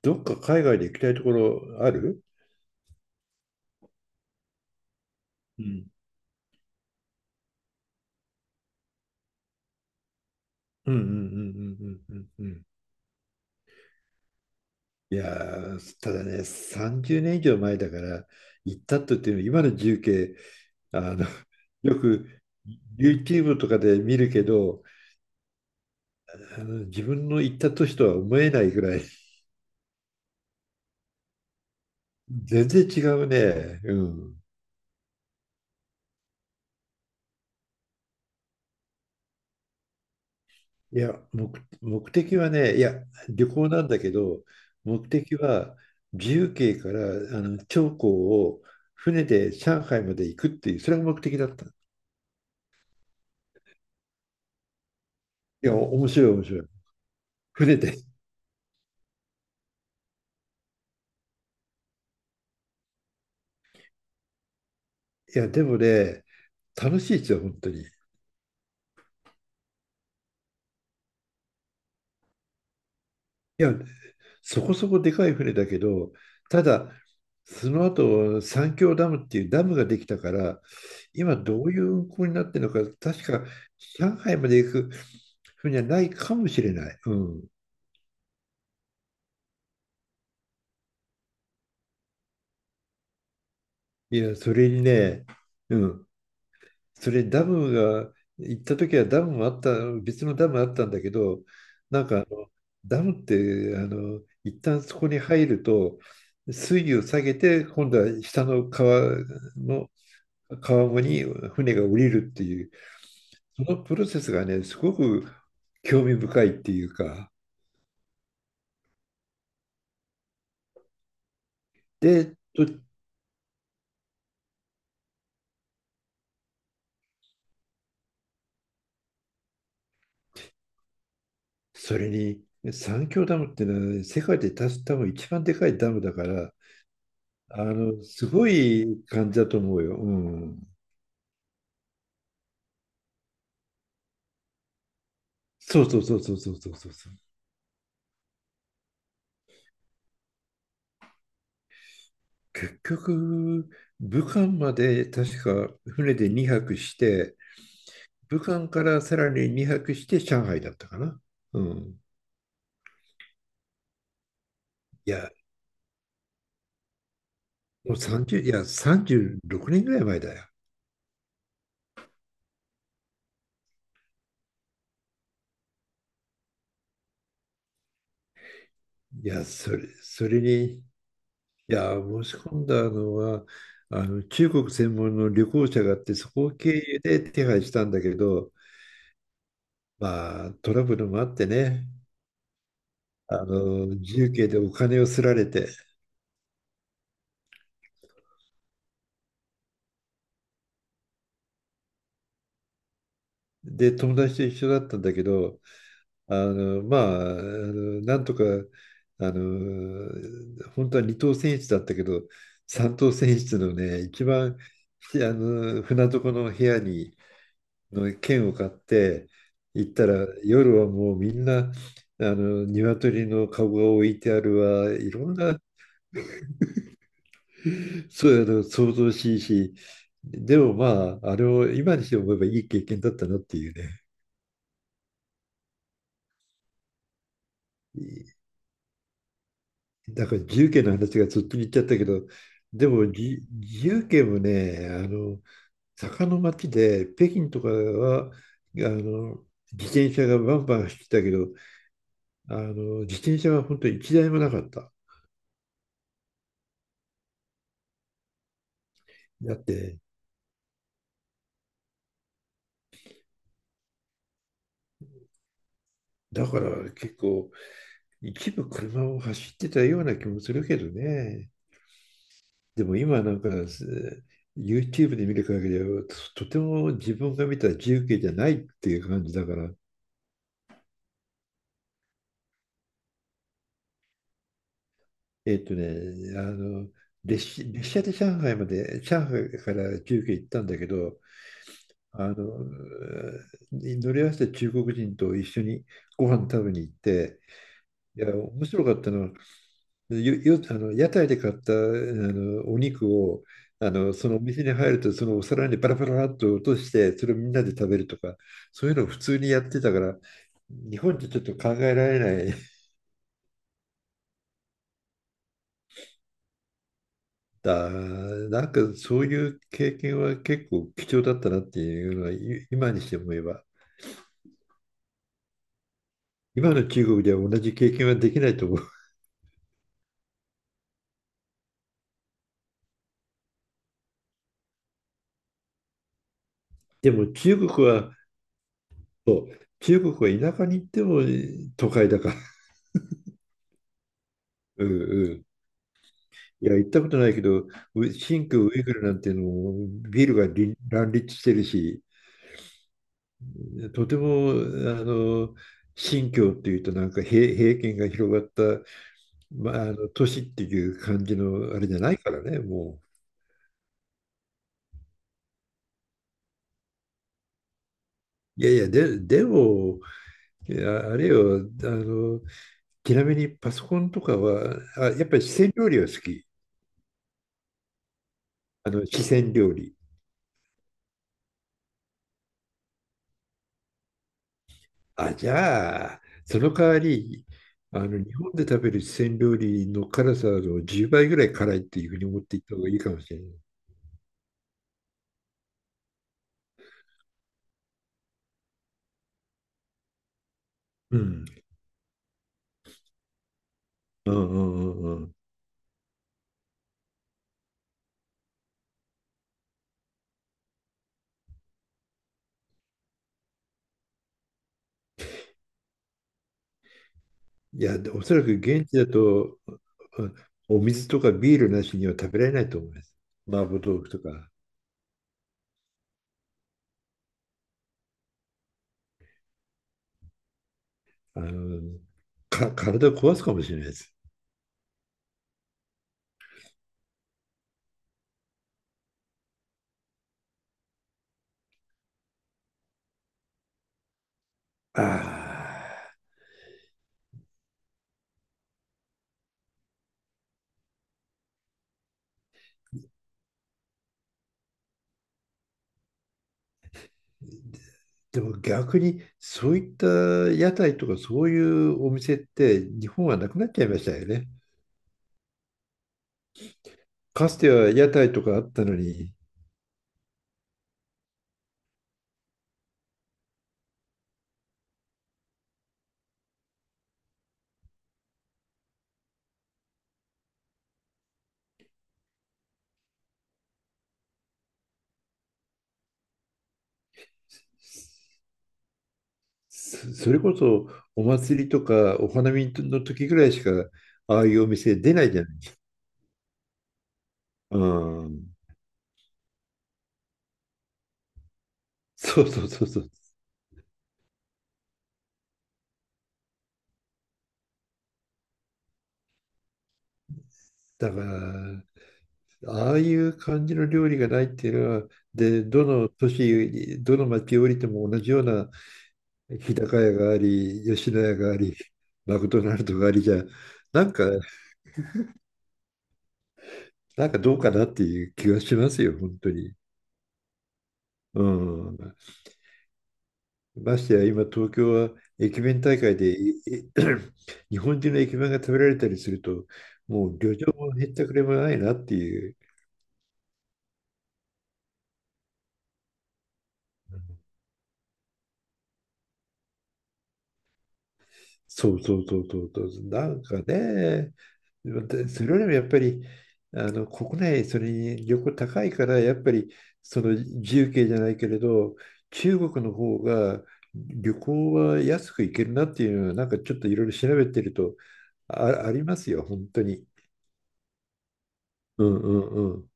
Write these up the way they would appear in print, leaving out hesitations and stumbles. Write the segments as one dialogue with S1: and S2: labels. S1: どっか海外で行きたいところある？うんうんうんうんうんうんうんうん。いやー、ただね、30年以上前だから、行ったとっていうの今の重慶。あの、よく YouTube とかで見るけど、自分の行った年とは思えないぐらい、全然違うね。うん。いや、目的はね、いや、旅行なんだけど、目的は自由形から長江を船で上海まで行くっていう、それが目的だった。いや、面白い、面白い。船で。いや、でもね、楽しいですよ、本当に。いや、そこそこでかい船だけど、ただ、その後、三峡ダムっていうダムができたから、今どういう運航になってるのか、確か上海まで行く船はないかもしれない。うん。いや、それにね、うん、それダムが、行った時はダムもあった、別のダムあったんだけど、なんかダムって一旦そこに入ると水位を下げて、今度は下の川の川面に船が降りるっていう、そのプロセスがねすごく興味深いっていうか、でとそれに三峡ダムっていうのは世界で多分一番でかいダムだから、あの、すごい感じだと思うよ。うん。そうそうそうそうそうそうそうそう。結局、武漢まで確か船で2泊して、武漢からさらに2泊して上海だったかな。うん。いや、もう30、いや、36年ぐらい前だよ。いや、それに、いや、申し込んだのは、あの、中国専門の旅行者があって、そこを経由で手配したんだけど、まあ、トラブルもあってね。あの、自由形でお金をすられて、で、友達と一緒だったんだけど、なんとか、あの、本当は二等選室だったけど、三等選室のね、一番、あの、船床の部屋にの券を買って、行ったら、夜はもうみんな、あの、鶏の籠が置いてあるわ、いろんなそうだの想像しいし、でもまあ、あれを今にして思えばいい経験だったなっていうね。いだから自由研の話がずっと言っちゃったけど、でも自由研もね、あの、坂の町で北京とかは、あの、自転車がバンバン走ってたけど、あの、自転車は本当に一台もなかった。だって、だから結構一部車を走ってたような気もするけどね。でも今なんかYouTube で見る限りは、とても自分が見た自由形じゃないっていう感じだから、えっとね、あの、列車で上海まで、上海から自由形行ったんだけど、あの、乗り合わせて中国人と一緒にご飯食べに行って、いや面白かったのは、あの、屋台で買った、あの、お肉を、あの、そのお店に入ると、そのお皿にバラバラっと落として、それをみんなで食べるとか、そういうのを普通にやってたから、日本じゃちょっと考えられない。だ、なんかそういう経験は結構貴重だったなっていうのは、今にして思えば。今の中国では同じ経験はできないと思う。でも中国は、そう、中国は田舎に行っても都会だから。うんうん。いや、行ったことないけど、新疆ウイグルなんていうのもビルがり乱立してるし、とても、あの、新疆っていうとなんか平権が広がった、まあ、あの都市っていう感じのあれじゃないからね、もう。いやいや、でも、いやあれよ、あの、ちなみにパソコンとかは、あ、やっぱり四川料理は好き。あの、四川料理。あ、じゃあ、その代わり、あの、日本で食べる四川料理の辛さの10倍ぐらい辛いっていうふうに思っていった方がいいかもしれない。うん。うんうんうんうん。いや、おそらく現地だと、うん、お水とかビールなしには食べられないと思います。麻婆豆腐とか、あの、体を壊すかもしれないです。ああ。でも逆にそういった屋台とかそういうお店って日本はなくなっちゃいましたよね。かつては屋台とかあったのに、それこそお祭りとかお花見の時ぐらいしか、ああいうお店出ないじゃない。うん。そうそうそうそう。だから、ああいう感じの料理がないっていうのは、で、どの都市、どの町降りても同じような日高屋があり、吉野家があり、マクドナルドがありじゃ、なんか、どうかなっていう気がしますよ、本当に。うん。ましてや、今、東京は駅弁大会でいい、 日本人の駅弁が食べられたりすると、もう旅情も減ったくれもないなっていう。そうそうそうそうそう。なんかね、でそれよりもやっぱり、あの国内、それに旅行高いから、やっぱりその自由形じゃないけれど、中国の方が旅行は安く行けるなっていうのは、なんかちょっといろいろ調べてると、ありますよ、本当に。うんうん。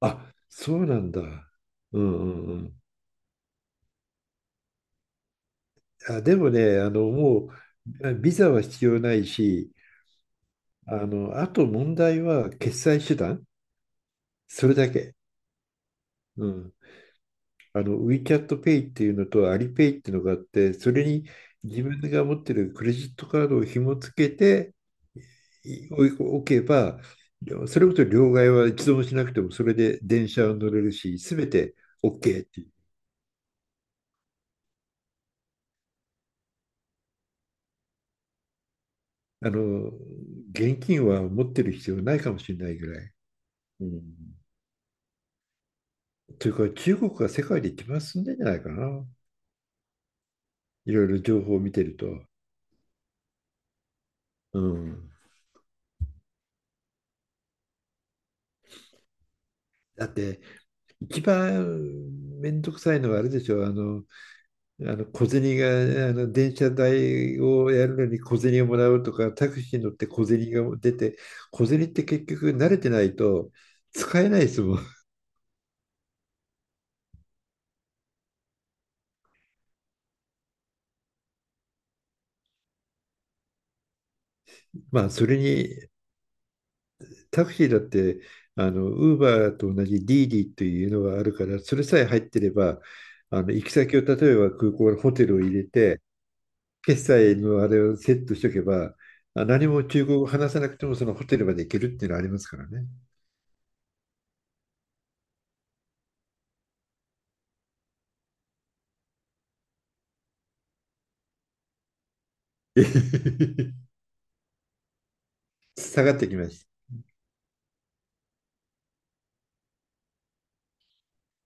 S1: あ、そうなんだ。うんうんうん。あ、でもね、あの、もう、ビザは必要ないし、あの、あと問題は決済手段、それだけ。うん。あの、WeChatPay っていうのと Alipay っていうのがあって、それに自分が持ってるクレジットカードを紐付けていおおけば、それこそ両替は一度もしなくても、それで電車を乗れるし、すべて OK っていう。あの、現金は持ってる必要ないかもしれないぐらい。うん。というか、中国が世界で一番進んでんじゃないかな。いろいろ情報を見てると。うん。だって、一番めんどくさいのはあれでしょ。あの、小銭が、あの電車代をやるのに小銭をもらうとか、タクシーに乗って小銭が出て、小銭って結局慣れてないと使えないですもん。まあ、それにタクシーだって、あの、ウーバーと同じディーディというのがあるから、それさえ入ってれば、あの、行き先を例えば空港のホテルを入れて、決済のあれをセットしとけば、何も中国語を話さなくてもそのホテルまで行けるっていうのはありますからね。下がってきました。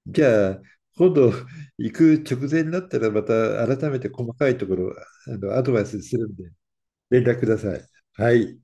S1: じゃあ、今度行く直前になったらまた改めて細かいところ、あの、アドバイスするんで連絡ください。はい。